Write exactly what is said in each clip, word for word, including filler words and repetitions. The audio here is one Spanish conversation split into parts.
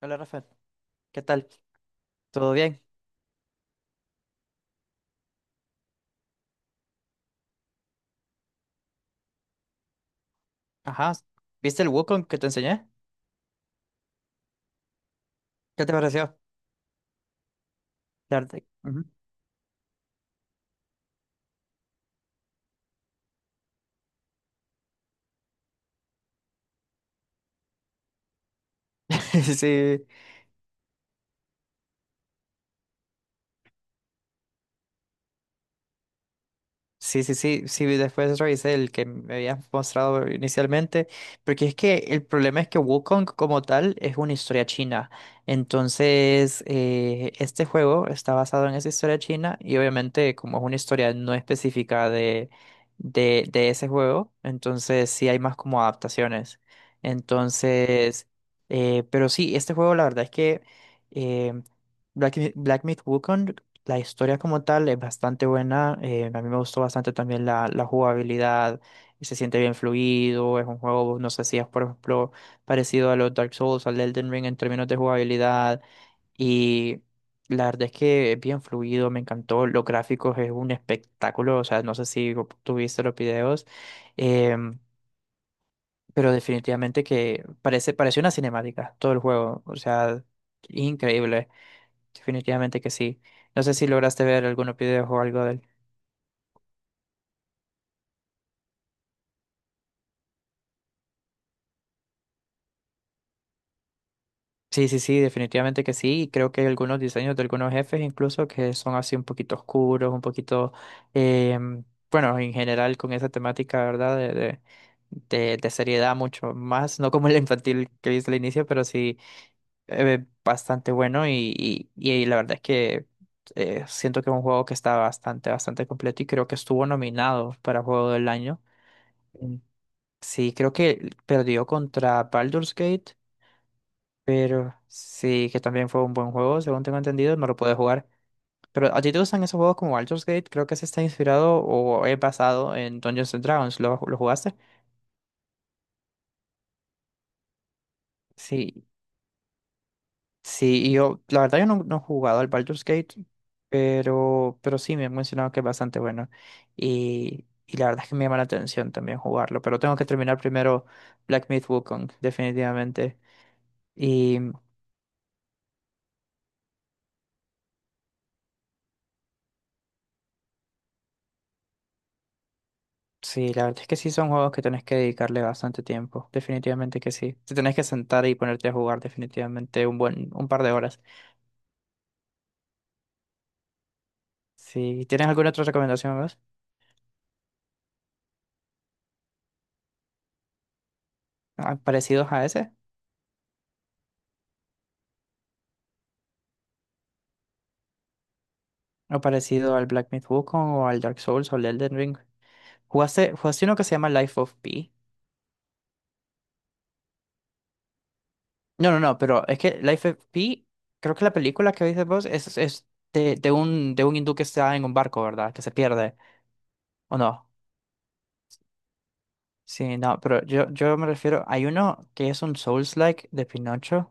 Hola Rafael, ¿qué tal? ¿Todo bien? Ajá. ¿Viste el Wukong que te enseñé? ¿Qué te pareció? La verdad- Ujú. Sí, sí, sí, sí, sí, después revisé el que me habías mostrado inicialmente, porque es que el problema es que Wukong como tal es una historia china. Entonces, eh, este juego está basado en esa historia china y, obviamente, como es una historia no específica de, de, de ese juego, entonces sí hay más como adaptaciones. Entonces, eh, pero sí, este juego la verdad es que, eh, Black, Mi- Black Myth Wukong, la historia como tal es bastante buena. eh, a mí me gustó bastante también la, la jugabilidad. Se siente bien fluido. Es un juego, no sé si es, por ejemplo, parecido a los Dark Souls, al Elden Ring en términos de jugabilidad. Y la verdad es que es bien fluido. Me encantó. Los gráficos es un espectáculo. O sea, no sé si tuviste los videos. em, pero definitivamente que parece, parece una cinemática todo el juego. O sea, increíble. Definitivamente que sí. No sé si lograste ver algunos videos o algo de él. Sí, sí, sí, definitivamente que sí. Y creo que hay algunos diseños de algunos jefes incluso que son así un poquito oscuros, un poquito, em, bueno, en general con esa temática, ¿verdad? De, de, de- de seriedad mucho más, no como el infantil que viste al inicio, pero sí, eh, bastante bueno, y, y, y la verdad es que, eh, siento que es un juego que está bastante, bastante completo, y creo que estuvo nominado para Juego del Año. Mm. Sí, creo que perdió contra Baldur's Gate, pero sí, que también fue un buen juego, según tengo entendido, no lo pude jugar. Pero ¿a ti te gustan esos juegos como Baldur's Gate? Creo que se está inspirado o es basado en Dungeons and Dragons. ¿Lo, lo jugaste? Sí, sí, y yo, la verdad, yo no, no he jugado al Baldur's Gate, pero, pero sí me han mencionado que es bastante bueno. Y, y la verdad es que me llama la atención también jugarlo, pero tengo que terminar primero Black Myth Wukong, definitivamente. Sí, la verdad es que sí son juegos que tenés que dedicarle bastante tiempo. Definitivamente que sí. Te tenés que sentar y ponerte a jugar definitivamente un buen, un par de horas. Si ¿tienes alguna otra recomendación más? Ah, ¿parecidos a ese? ¿O parecido al Black Myth Wukong o al Dark Souls o al Elden Ring? ¿Jugaste, jugaste uno que se llama Life of Pi? No, no, no, pero es que Life of Pi, creo que la película que viste vos es, es de, de un, de un hindú que está en un barco, ¿verdad? Que se pierde, ¿o no? Sí, no, pero yo, yo me refiero, hay uno que es un Souls-like de Pinocho,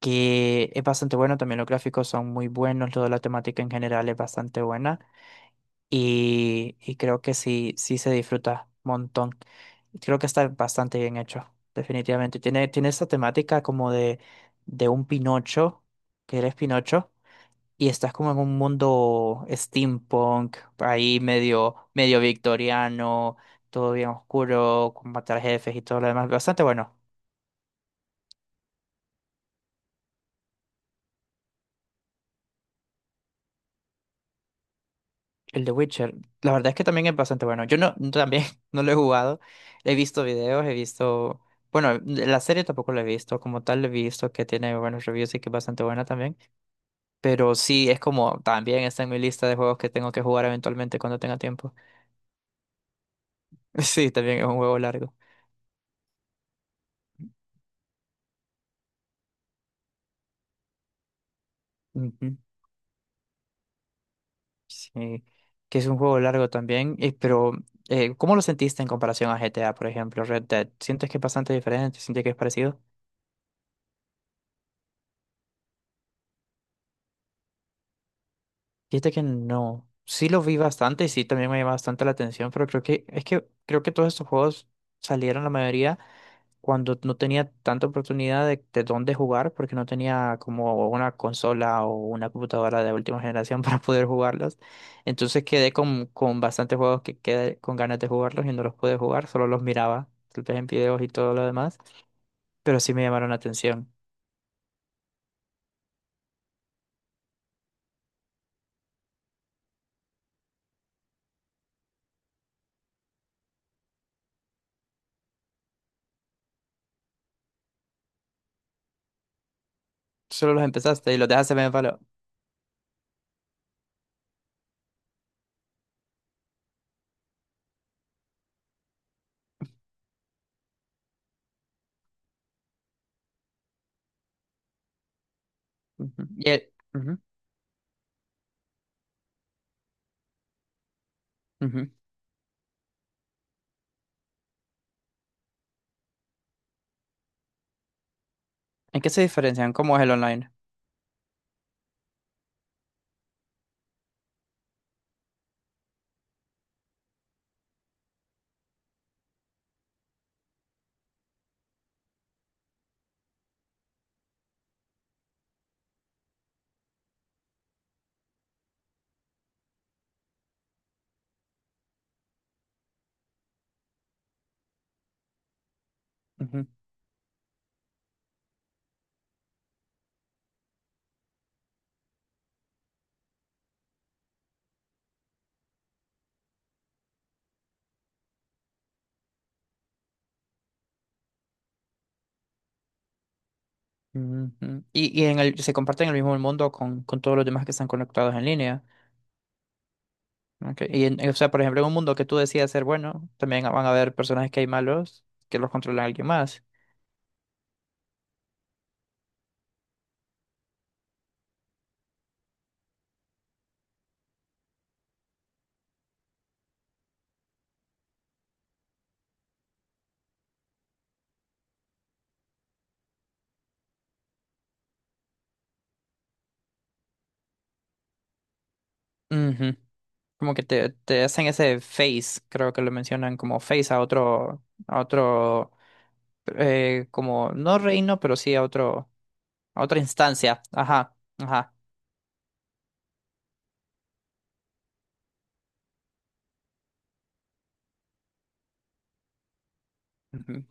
que es bastante bueno, también los gráficos son muy buenos, toda la temática en general es bastante buena, y, y creo que sí, sí se disfruta un montón. Creo que está bastante bien hecho, definitivamente. Tiene, tiene esa temática como de, de un Pinocho, que eres Pinocho y estás como en un mundo steampunk, ahí medio, medio victoriano, todo bien oscuro, con matar jefes y todo lo demás. Bastante bueno. El de Witcher, la verdad es que también es bastante bueno. Yo no, no- también, no lo he jugado. He visto videos, he visto. Bueno, la serie tampoco la he visto. Como tal, he visto que tiene buenos reviews y que es bastante buena también. Pero sí, es como también está en mi lista de juegos que tengo que jugar eventualmente cuando tenga tiempo. Sí, también es un juego largo. Ujú. Sí, que es un juego largo también, y- pero, eh, ¿cómo lo sentiste en comparación a G T A, por ejemplo, Red Dead? ¿Sientes que es bastante diferente? ¿Sientes que es parecido? Fíjate que no. Sí, los vi bastante y sí también me llama bastante la atención, pero creo que es que creo que todos estos juegos salieron la mayoría cuando no tenía tanta oportunidad de, de dónde jugar, porque no tenía como una consola o una computadora de última generación para poder jugarlos. Entonces quedé con, con bastantes juegos que quedé con ganas de jugarlos y no los pude jugar, solo los miraba, tal vez en videos y todo lo demás, pero sí me llamaron la atención. Solo los empezaste y los dejaste medio en palo. Ujú. Y el- ujú, ujú. ¿En qué se diferencian? ¿Cómo es el online? Ujú, ujú. Y, y en el, se comparten el mismo mundo con, con todos los demás que están conectados en línea. Ok, y en, o sea, por ejemplo, en un mundo que tú decidas ser bueno, también van a haber personajes que hay malos que los controla alguien más. Ujú. Como que te, te hacen ese face, creo que lo mencionan como face a otro, a otro, eh, como no reino, pero sí a otro, a otra instancia. Ajá, ajá. Ujú.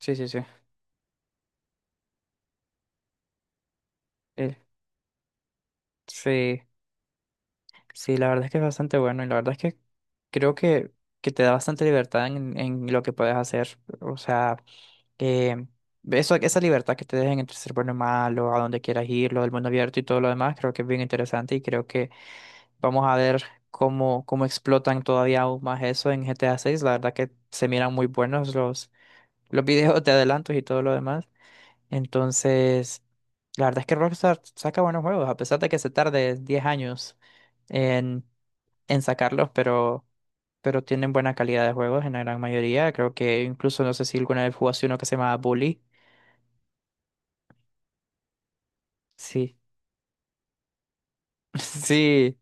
Sí, sí, sí. Eh, sí. Sí, la verdad es que es bastante bueno, y la verdad es que creo que, que te da bastante libertad en, en lo que puedes hacer. O sea, eh, eso, esa libertad que te dejen entre ser bueno y malo, a donde quieras ir, lo del mundo abierto y todo lo demás, creo que es bien interesante, y creo que vamos a ver cómo, cómo explotan todavía aún más eso en G T A seis. La verdad que se miran muy buenos los, los videos de adelantos y todo lo demás. Entonces, la verdad es que Rockstar saca buenos juegos, a pesar de que se tarde diez años en sacarlos, pero, pero tienen buena calidad de juegos en la gran mayoría. Creo que incluso no sé si alguna vez jugaste uno que se llamaba Bully. Sí, sí,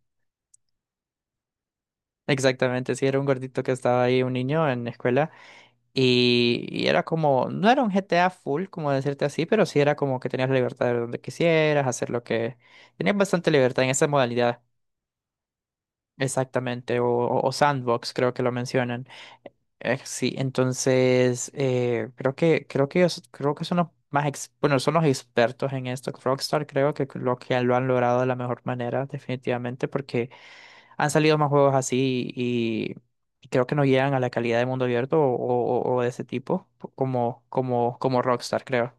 exactamente. Sí, era un gordito que estaba ahí, un niño en la escuela. Y, y era como, no era un G T A full, como decirte así, pero sí era como que tenías la libertad de donde quisieras, hacer lo que... Tenías bastante libertad en esa modalidad. Exactamente, o o sandbox, creo que lo mencionan. Eh, sí, entonces, eh, creo que creo que ellos creo que son los más ex- bueno, son los expertos en esto. Rockstar, creo que lo que lo han logrado de la mejor manera definitivamente, porque han salido más juegos así, y, y creo que no llegan a la calidad de mundo abierto, o, o- o de ese tipo, como como como Rockstar, creo.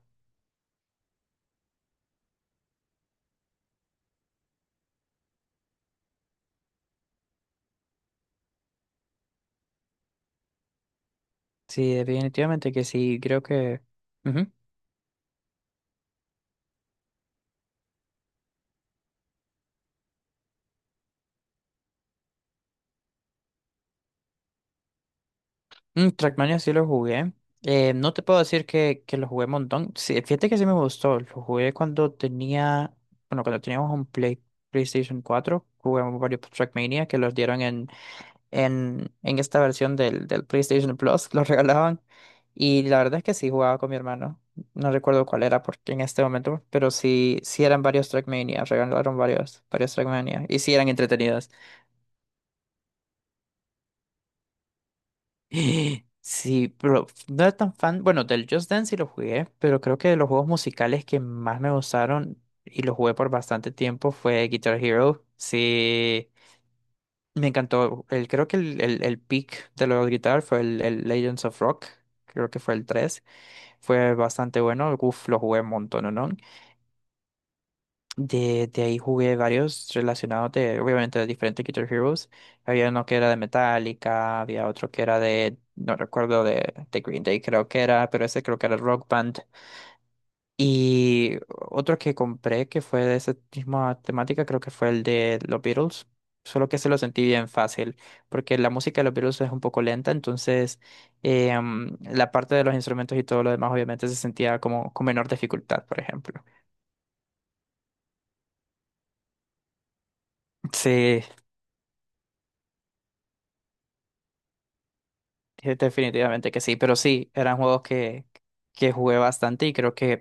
Sí, definitivamente que sí, creo que ujú. Mm, Trackmania sí lo jugué. Eh, no te puedo decir que, que lo jugué un montón. Sí, fíjate que sí me gustó. Lo jugué cuando tenía, bueno, cuando teníamos un Play, PlayStation cuatro. Jugamos varios Trackmania que los dieron en, en, en esta versión del, del PlayStation Plus. Los regalaban. Y la verdad es que sí jugaba con mi hermano. No recuerdo cuál era porque en este momento, pero sí, sí eran varios Trackmania. Regalaron varios, varios Trackmania. Y sí eran entretenidos. Sí, pero no era tan fan. Bueno, del Just Dance sí lo jugué, pero creo que de los juegos musicales que más me gustaron y lo jugué por bastante tiempo fue Guitar Hero. Sí, me encantó. El, creo que el, el, el peak de lo de guitar fue el, el Legends of Rock. Creo que fue el tres. Fue bastante bueno. Uf, lo jugué un montón, ¿no? De, de ahí jugué varios relacionados de, obviamente, de diferentes Guitar Heroes. Había uno que era de Metallica, había otro que era de, no recuerdo, de, de Green Day, creo que era, pero ese creo que era Rock Band. Y otro que compré que fue de esa misma temática, creo que fue el de los Beatles. Solo que se lo sentí bien fácil, porque la música de los Beatles es un poco lenta, entonces eh, mm, la parte de los instrumentos y todo lo demás obviamente se sentía como con menor dificultad, por ejemplo. Sí. de- Definitivamente que sí, pero sí, eran juegos que, que jugué bastante, y creo que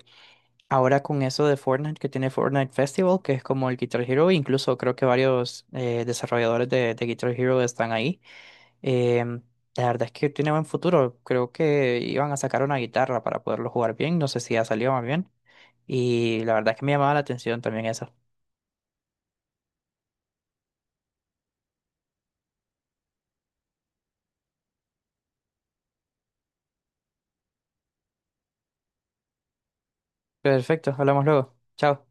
ahora con eso de Fortnite, que tiene Fortnite Festival, que es como el Guitar Hero, incluso creo que varios eh, desarrolladores de, de Guitar Hero están ahí. em, la verdad es que tiene buen futuro, creo que iban a sacar una guitarra para poderlo jugar bien, no sé si ya salió más bien, y la verdad es que me llamaba la atención también eso. Perfecto, hablamos luego, chao.